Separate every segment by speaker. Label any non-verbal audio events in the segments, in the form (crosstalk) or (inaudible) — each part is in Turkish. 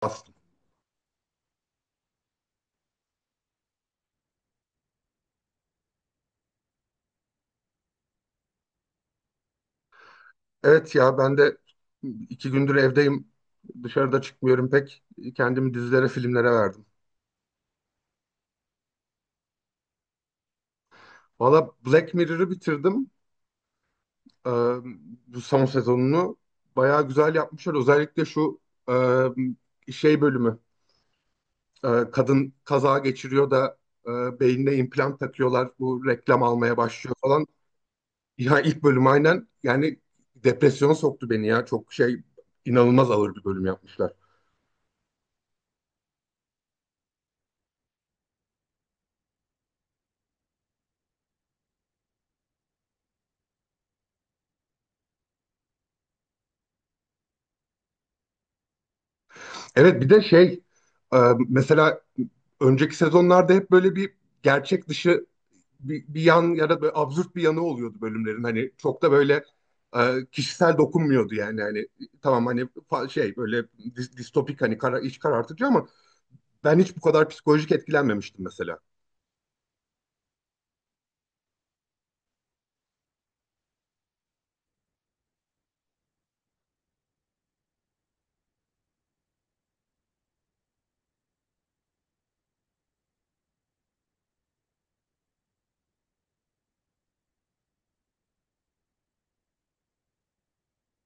Speaker 1: Aslında. Evet ya ben de 2 gündür evdeyim. Dışarıda çıkmıyorum pek. Kendimi dizilere, filmlere verdim. Valla Black Mirror'ı bitirdim. Ee, bu son sezonunu bayağı güzel yapmışlar. Özellikle şu şey bölümü. Kadın kaza geçiriyor da beynine implant takıyorlar. Bu reklam almaya başlıyor falan. Ya ilk bölüm aynen yani depresyona soktu beni ya. Çok şey inanılmaz ağır bir bölüm yapmışlar. Evet bir de şey e, mesela önceki sezonlarda hep böyle bir gerçek dışı bir yan ya da böyle absürt bir yanı oluyordu bölümlerin. Hani çok da böyle kişisel dokunmuyordu yani. Hani tamam hani şey böyle distopik hani kara, iç karartıcı ama ben hiç bu kadar psikolojik etkilenmemiştim mesela.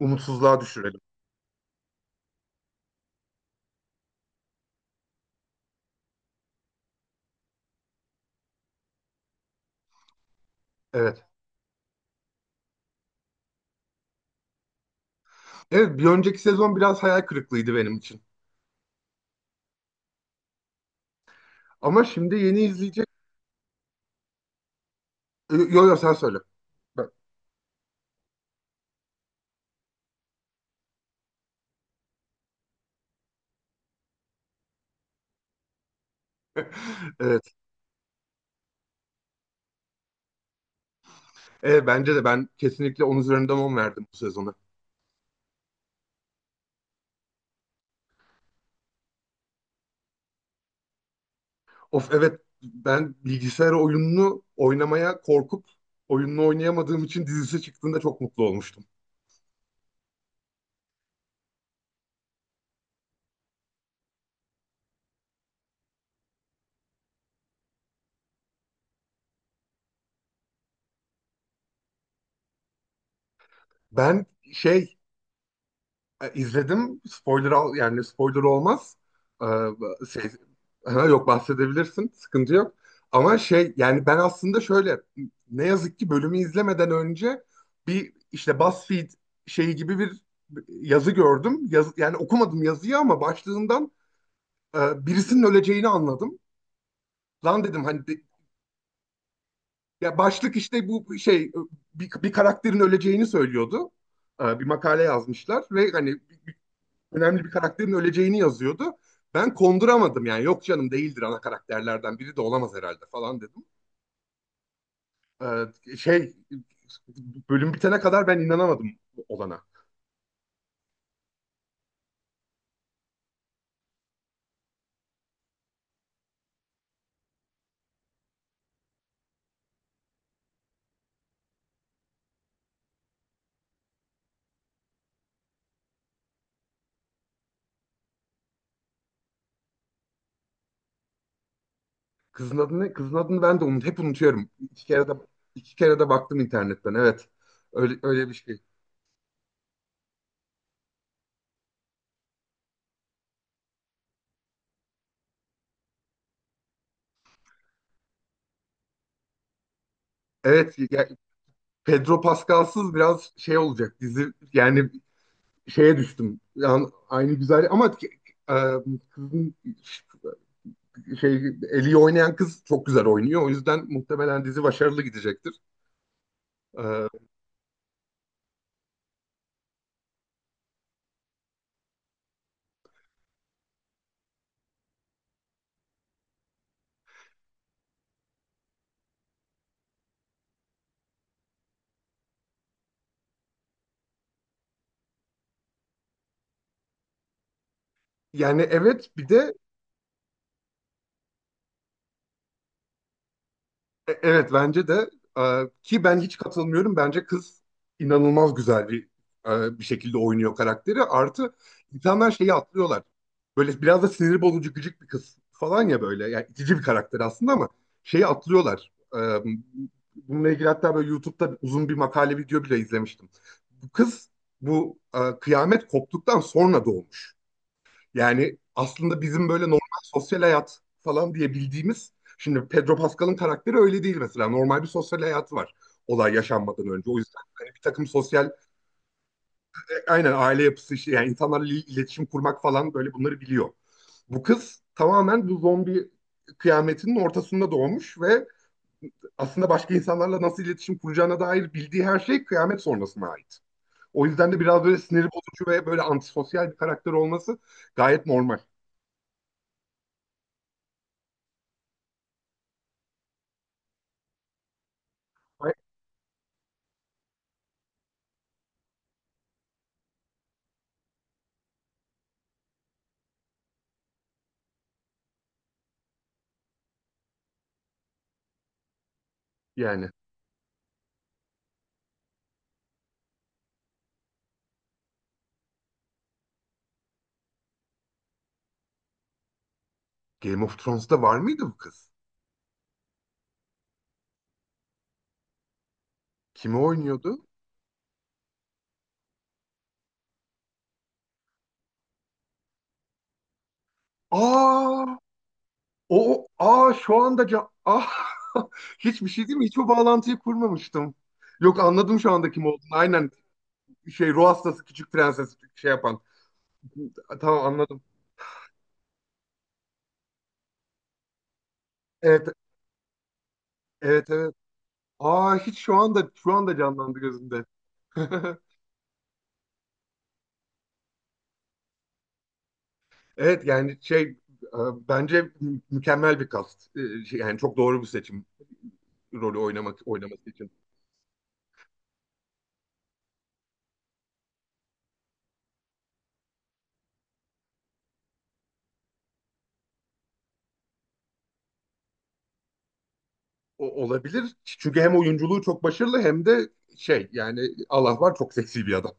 Speaker 1: Umutsuzluğa düşürelim. Evet. Evet, bir önceki sezon biraz hayal kırıklığıydı benim için. Ama şimdi yeni izleyecek... Yo yo sen söyle. Ben- Evet. Evet bence de ben kesinlikle 10 üzerinden 10 verdim bu sezona. Of evet ben bilgisayar oyununu oynamaya korkup oyununu oynayamadığım için dizisi çıktığında çok mutlu olmuştum. Ben şey. İzledim. Spoiler al, yani spoiler olmaz. E, şey, ha, yok bahsedebilirsin. Sıkıntı yok. Ama şey yani ben aslında şöyle, ne yazık ki bölümü izlemeden önce bir işte BuzzFeed şeyi gibi bir yazı gördüm. Yazı, yani okumadım yazıyı ama başlığından birisinin öleceğini anladım. Lan dedim hani ya başlık işte bu şey bir karakterin öleceğini söylüyordu. Bir makale yazmışlar ve hani önemli bir karakterin öleceğini yazıyordu. Ben konduramadım yani yok canım değildir, ana karakterlerden biri de olamaz herhalde falan dedim. Şey, bölüm bitene kadar ben inanamadım olana. Kızın adı ne? Kızın adını ben de unut, hep unutuyorum. İki kere de baktım internetten evet. Öyle öyle bir şey. Evet ya Pedro Pascal'sız biraz şey olacak dizi yani şeye düştüm. Yani aynı güzel ama e, kızın şey, Ellie'yi oynayan kız çok güzel oynuyor. O yüzden muhtemelen dizi başarılı gidecektir. Ee, yani evet bir de evet bence de, ki ben hiç katılmıyorum. Bence kız inanılmaz güzel bir şekilde oynuyor karakteri. Artı insanlar şeyi atlıyorlar. Böyle biraz da sinir bozucu gıcık bir kız falan ya böyle. Yani itici bir karakter aslında ama şeyi atlıyorlar. Bununla ilgili hatta böyle YouTube'da uzun bir makale video bile izlemiştim. Bu kız bu kıyamet koptuktan sonra doğmuş. Yani aslında bizim böyle normal sosyal hayat falan diye bildiğimiz, şimdi Pedro Pascal'ın karakteri öyle değil mesela. Normal bir sosyal hayatı var olay yaşanmadan önce. O yüzden hani bir takım sosyal, aynen aile yapısı işte yani insanlarla iletişim kurmak falan böyle bunları biliyor. Bu kız tamamen bu zombi kıyametinin ortasında doğmuş ve aslında başka insanlarla nasıl iletişim kuracağına dair bildiği her şey kıyamet sonrasına ait. O yüzden de biraz böyle siniri bozucu ve böyle antisosyal bir karakter olması gayet normal. Yani. Game of Thrones'ta var mıydı bu kız? Kimi oynuyordu? Aa, o aa şu anda can ah (laughs) hiçbir şey değil mi? Hiç o bağlantıyı kurmamıştım. Yok anladım şu anda kim olduğunu. Aynen şey, ruh hastası küçük prenses şey yapan. Tamam anladım. Evet, evet, evet. Aa hiç şu anda canlandı gözümde. (laughs) Evet yani şey, bence mükemmel bir kast. Yani çok doğru bir seçim, rolü oynaması için. Olabilir. Çünkü hem oyunculuğu çok başarılı hem de şey yani Allah var, çok seksi bir adam.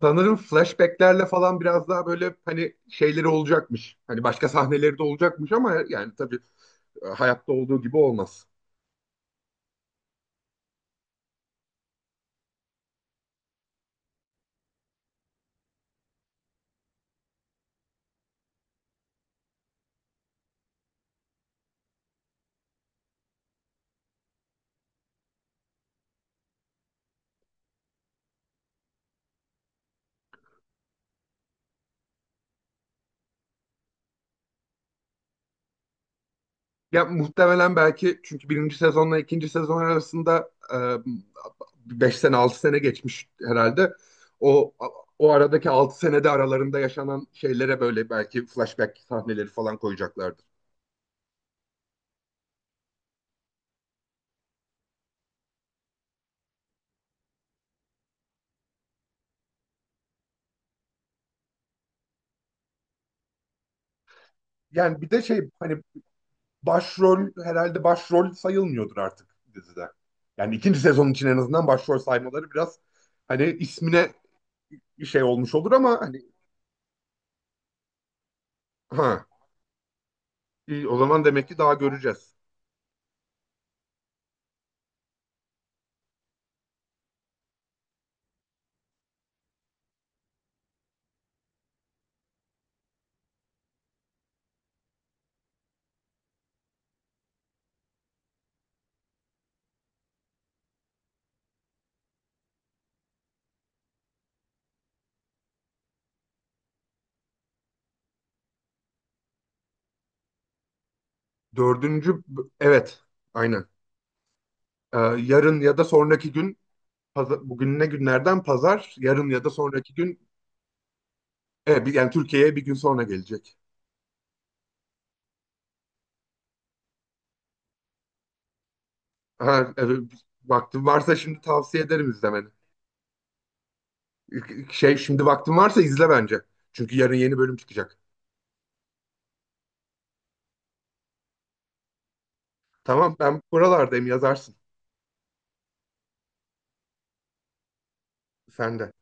Speaker 1: Sanırım flashbacklerle falan biraz daha böyle hani şeyleri olacakmış. Hani başka sahneleri de olacakmış ama yani tabii hayatta olduğu gibi olmaz. Ya muhtemelen belki çünkü birinci sezonla ikinci sezon arasında 5 sene 6 sene geçmiş herhalde. O O aradaki 6 senede aralarında yaşanan şeylere böyle belki flashback sahneleri falan koyacaklardır. Yani bir de şey hani herhalde başrol sayılmıyordur artık dizide. Yani ikinci sezon için en azından başrol saymaları biraz hani ismine bir şey olmuş olur ama hani ha, iyi, o zaman demek ki daha göreceğiz. Dördüncü, evet, aynen. Yarın ya da sonraki gün, bugün ne günlerden, pazar. Yarın ya da sonraki gün, yani Türkiye'ye bir gün sonra gelecek. Ha, evet, vaktin varsa şimdi tavsiye ederim izlemeni. Şey, şimdi vaktin varsa izle bence. Çünkü yarın yeni bölüm çıkacak. Tamam, ben buralardayım, yazarsın. Sen de.